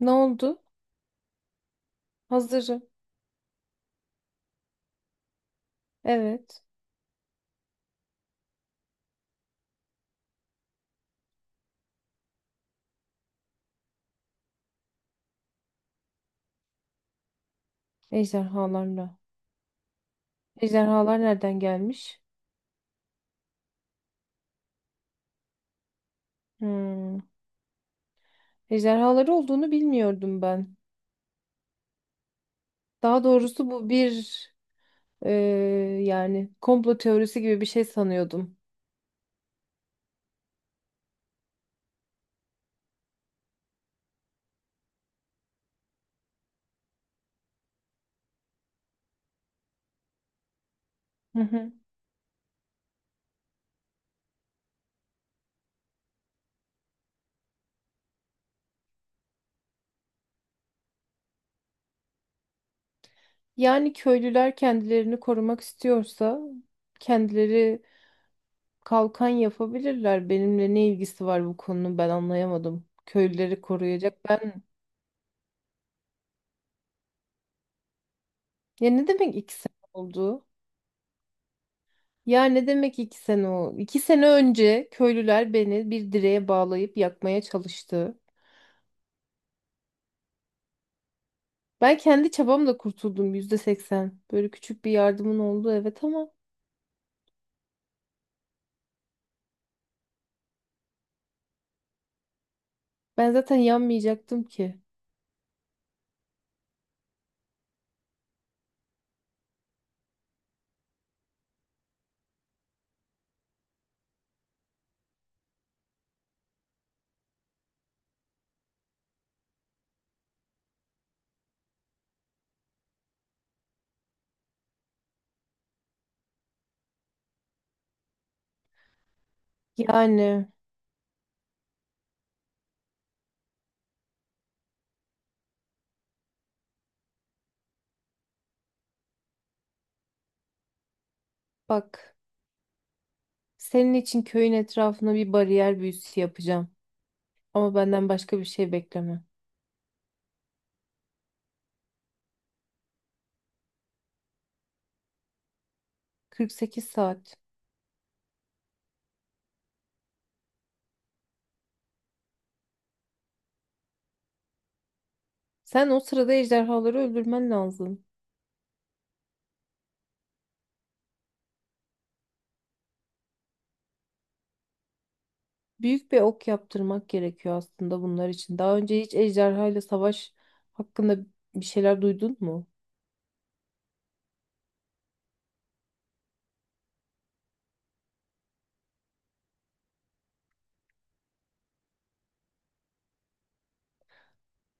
Ne oldu? Hazırım. Evet. Ejderhalarla. Ejderhalar nereden gelmiş? Hmm. Ejderhaları olduğunu bilmiyordum ben. Daha doğrusu bu bir e, yani komplo teorisi gibi bir şey sanıyordum. Hı hı. Yani köylüler kendilerini korumak istiyorsa kendileri kalkan yapabilirler. Benimle ne ilgisi var bu konunun ben anlayamadım. Köylüleri koruyacak ben. Ya ne demek ikisi oldu? Ya ne demek 2 sene o? 2 sene önce köylüler beni bir direğe bağlayıp yakmaya çalıştı. Ben kendi çabamla kurtuldum %80. Böyle küçük bir yardımın oldu evet ama ben zaten yanmayacaktım ki. Yani bak, senin için köyün etrafına bir bariyer büyüsü yapacağım. Ama benden başka bir şey bekleme. 48 saat. Sen o sırada ejderhaları öldürmen lazım. Büyük bir ok yaptırmak gerekiyor aslında bunlar için. Daha önce hiç ejderha ile savaş hakkında bir şeyler duydun mu?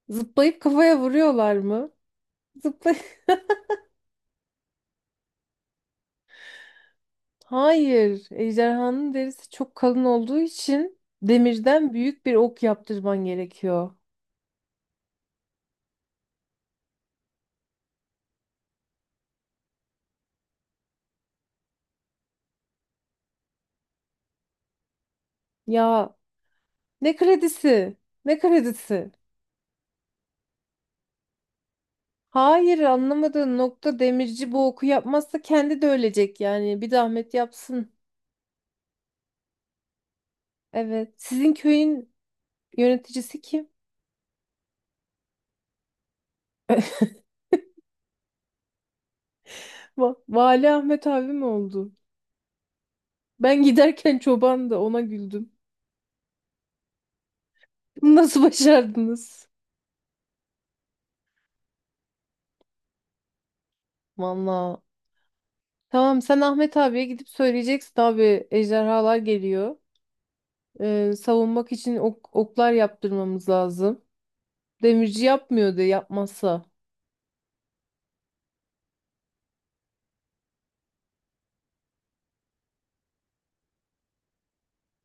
Zıplayıp kafaya vuruyorlar mı? Zıplay Hayır. Ejderhanın derisi çok kalın olduğu için demirden büyük bir ok yaptırman gerekiyor. Ya ne kredisi? Ne kredisi? Hayır, anlamadığın nokta, demirci bu oku yapmazsa kendi de ölecek yani. Bir zahmet yapsın. Evet. Sizin köyün yöneticisi kim? Vali Ahmet abi mi oldu? Ben giderken çoban da ona güldüm. Bunu nasıl başardınız? Valla. Tamam, sen Ahmet abiye gidip söyleyeceksin, abi ejderhalar geliyor. Savunmak için oklar yaptırmamız lazım. Demirci yapmıyor yapmıyordu yapmazsa.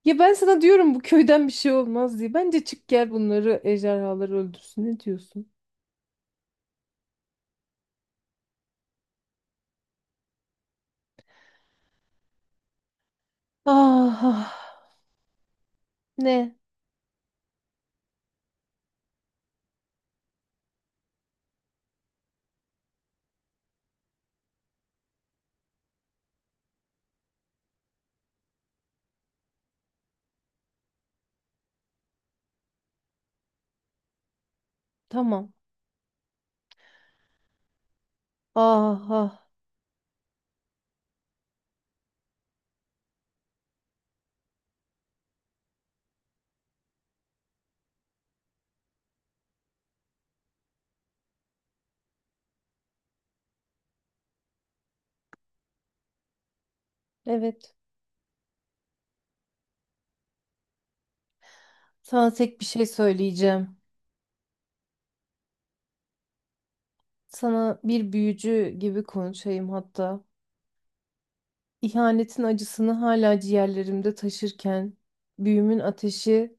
Ya ben sana diyorum bu köyden bir şey olmaz diye. Bence çık gel bunları, ejderhaları öldürsün. Ne diyorsun? Ah, ah. Ne? Tamam. Ah, ah. Evet. Sana tek bir şey söyleyeceğim. Sana bir büyücü gibi konuşayım hatta. İhanetin acısını hala ciğerlerimde taşırken, büyümün ateşi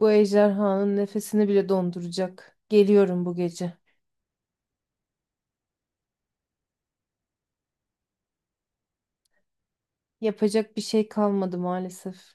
bu ejderhanın nefesini bile donduracak. Geliyorum bu gece. Yapacak bir şey kalmadı maalesef.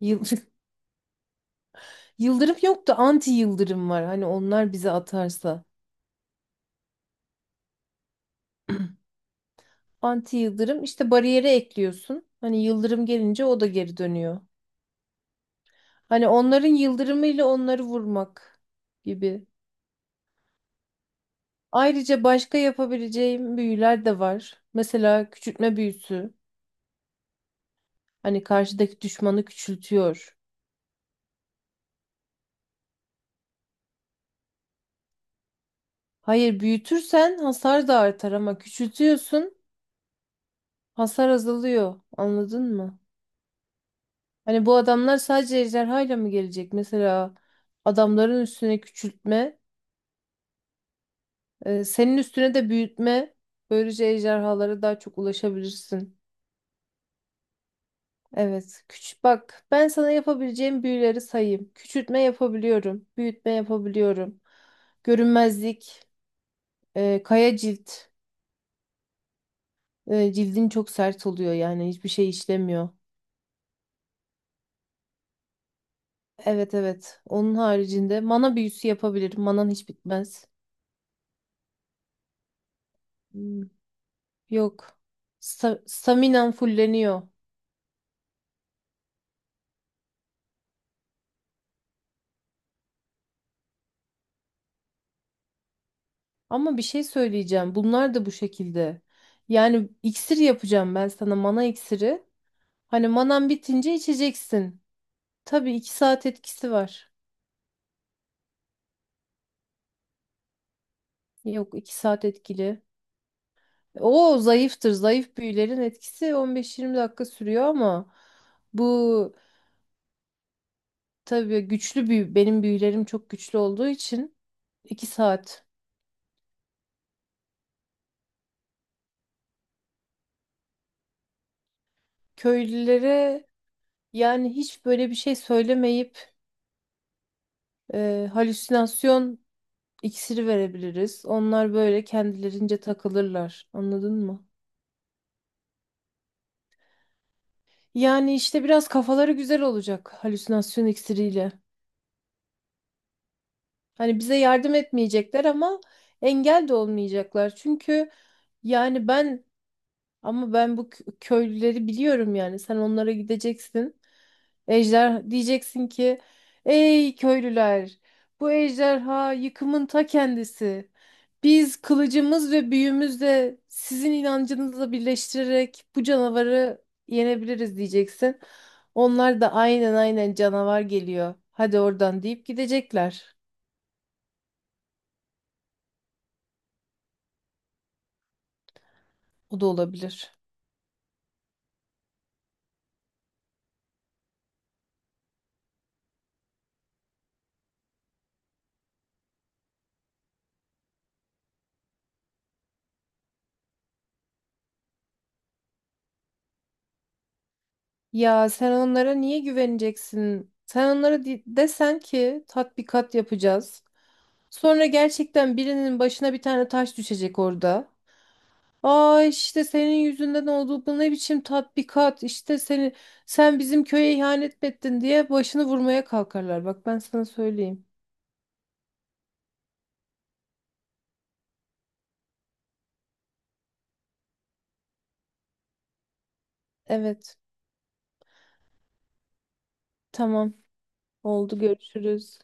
Yıl Yıldırım yok da anti yıldırım var. Hani onlar bize atarsa. Anti yıldırım işte, bariyere ekliyorsun. Hani yıldırım gelince o da geri dönüyor. Hani onların yıldırımıyla onları vurmak gibi. Ayrıca başka yapabileceğim büyüler de var. Mesela küçültme büyüsü. Hani karşıdaki düşmanı küçültüyor. Hayır, büyütürsen hasar da artar ama küçültüyorsun hasar azalıyor. Anladın mı? Hani bu adamlar sadece ejderhayla mı gelecek? Mesela adamların üstüne küçültme, senin üstüne de büyütme. Böylece ejderhalara daha çok ulaşabilirsin. Evet. Küçük, bak ben sana yapabileceğim büyüleri sayayım. Küçültme yapabiliyorum. Büyütme yapabiliyorum. Görünmezlik. Kaya cilt. Cildin çok sert oluyor yani hiçbir şey işlemiyor. Evet, evet. Onun haricinde mana büyüsü yapabilirim. Manan hiç bitmez. Hmm, Yok. Staminen fulleniyor. Ama bir şey söyleyeceğim. Bunlar da bu şekilde. Yani iksir yapacağım ben sana, mana iksiri. Hani manan bitince içeceksin. Tabii 2 saat etkisi var. Yok, 2 saat etkili. O zayıftır. Zayıf büyülerin etkisi 15-20 dakika sürüyor ama bu tabii güçlü büyü. Benim büyülerim çok güçlü olduğu için 2 saat. Köylülere yani hiç böyle bir şey söylemeyip halüsinasyon iksiri verebiliriz. Onlar böyle kendilerince takılırlar. Anladın mı? Yani işte biraz kafaları güzel olacak halüsinasyon iksiriyle. Hani bize yardım etmeyecekler ama engel de olmayacaklar. Çünkü yani ben, ama ben bu köylüleri biliyorum yani. Sen onlara gideceksin. Ejder diyeceksin ki, ey köylüler, bu ejderha yıkımın ta kendisi. Biz kılıcımız ve büyümüzle sizin inancınızla birleştirerek bu canavarı yenebiliriz diyeceksin. Onlar da aynen, aynen canavar geliyor, hadi oradan deyip gidecekler. O da olabilir. Ya sen onlara niye güveneceksin? Sen onlara desen ki tatbikat yapacağız. Sonra gerçekten birinin başına bir tane taş düşecek orada. Aa, işte senin yüzünden oldu, bu ne biçim tatbikat İşte sen bizim köye ihanet mi ettin diye başını vurmaya kalkarlar. Bak ben sana söyleyeyim. Evet, tamam, oldu, görüşürüz.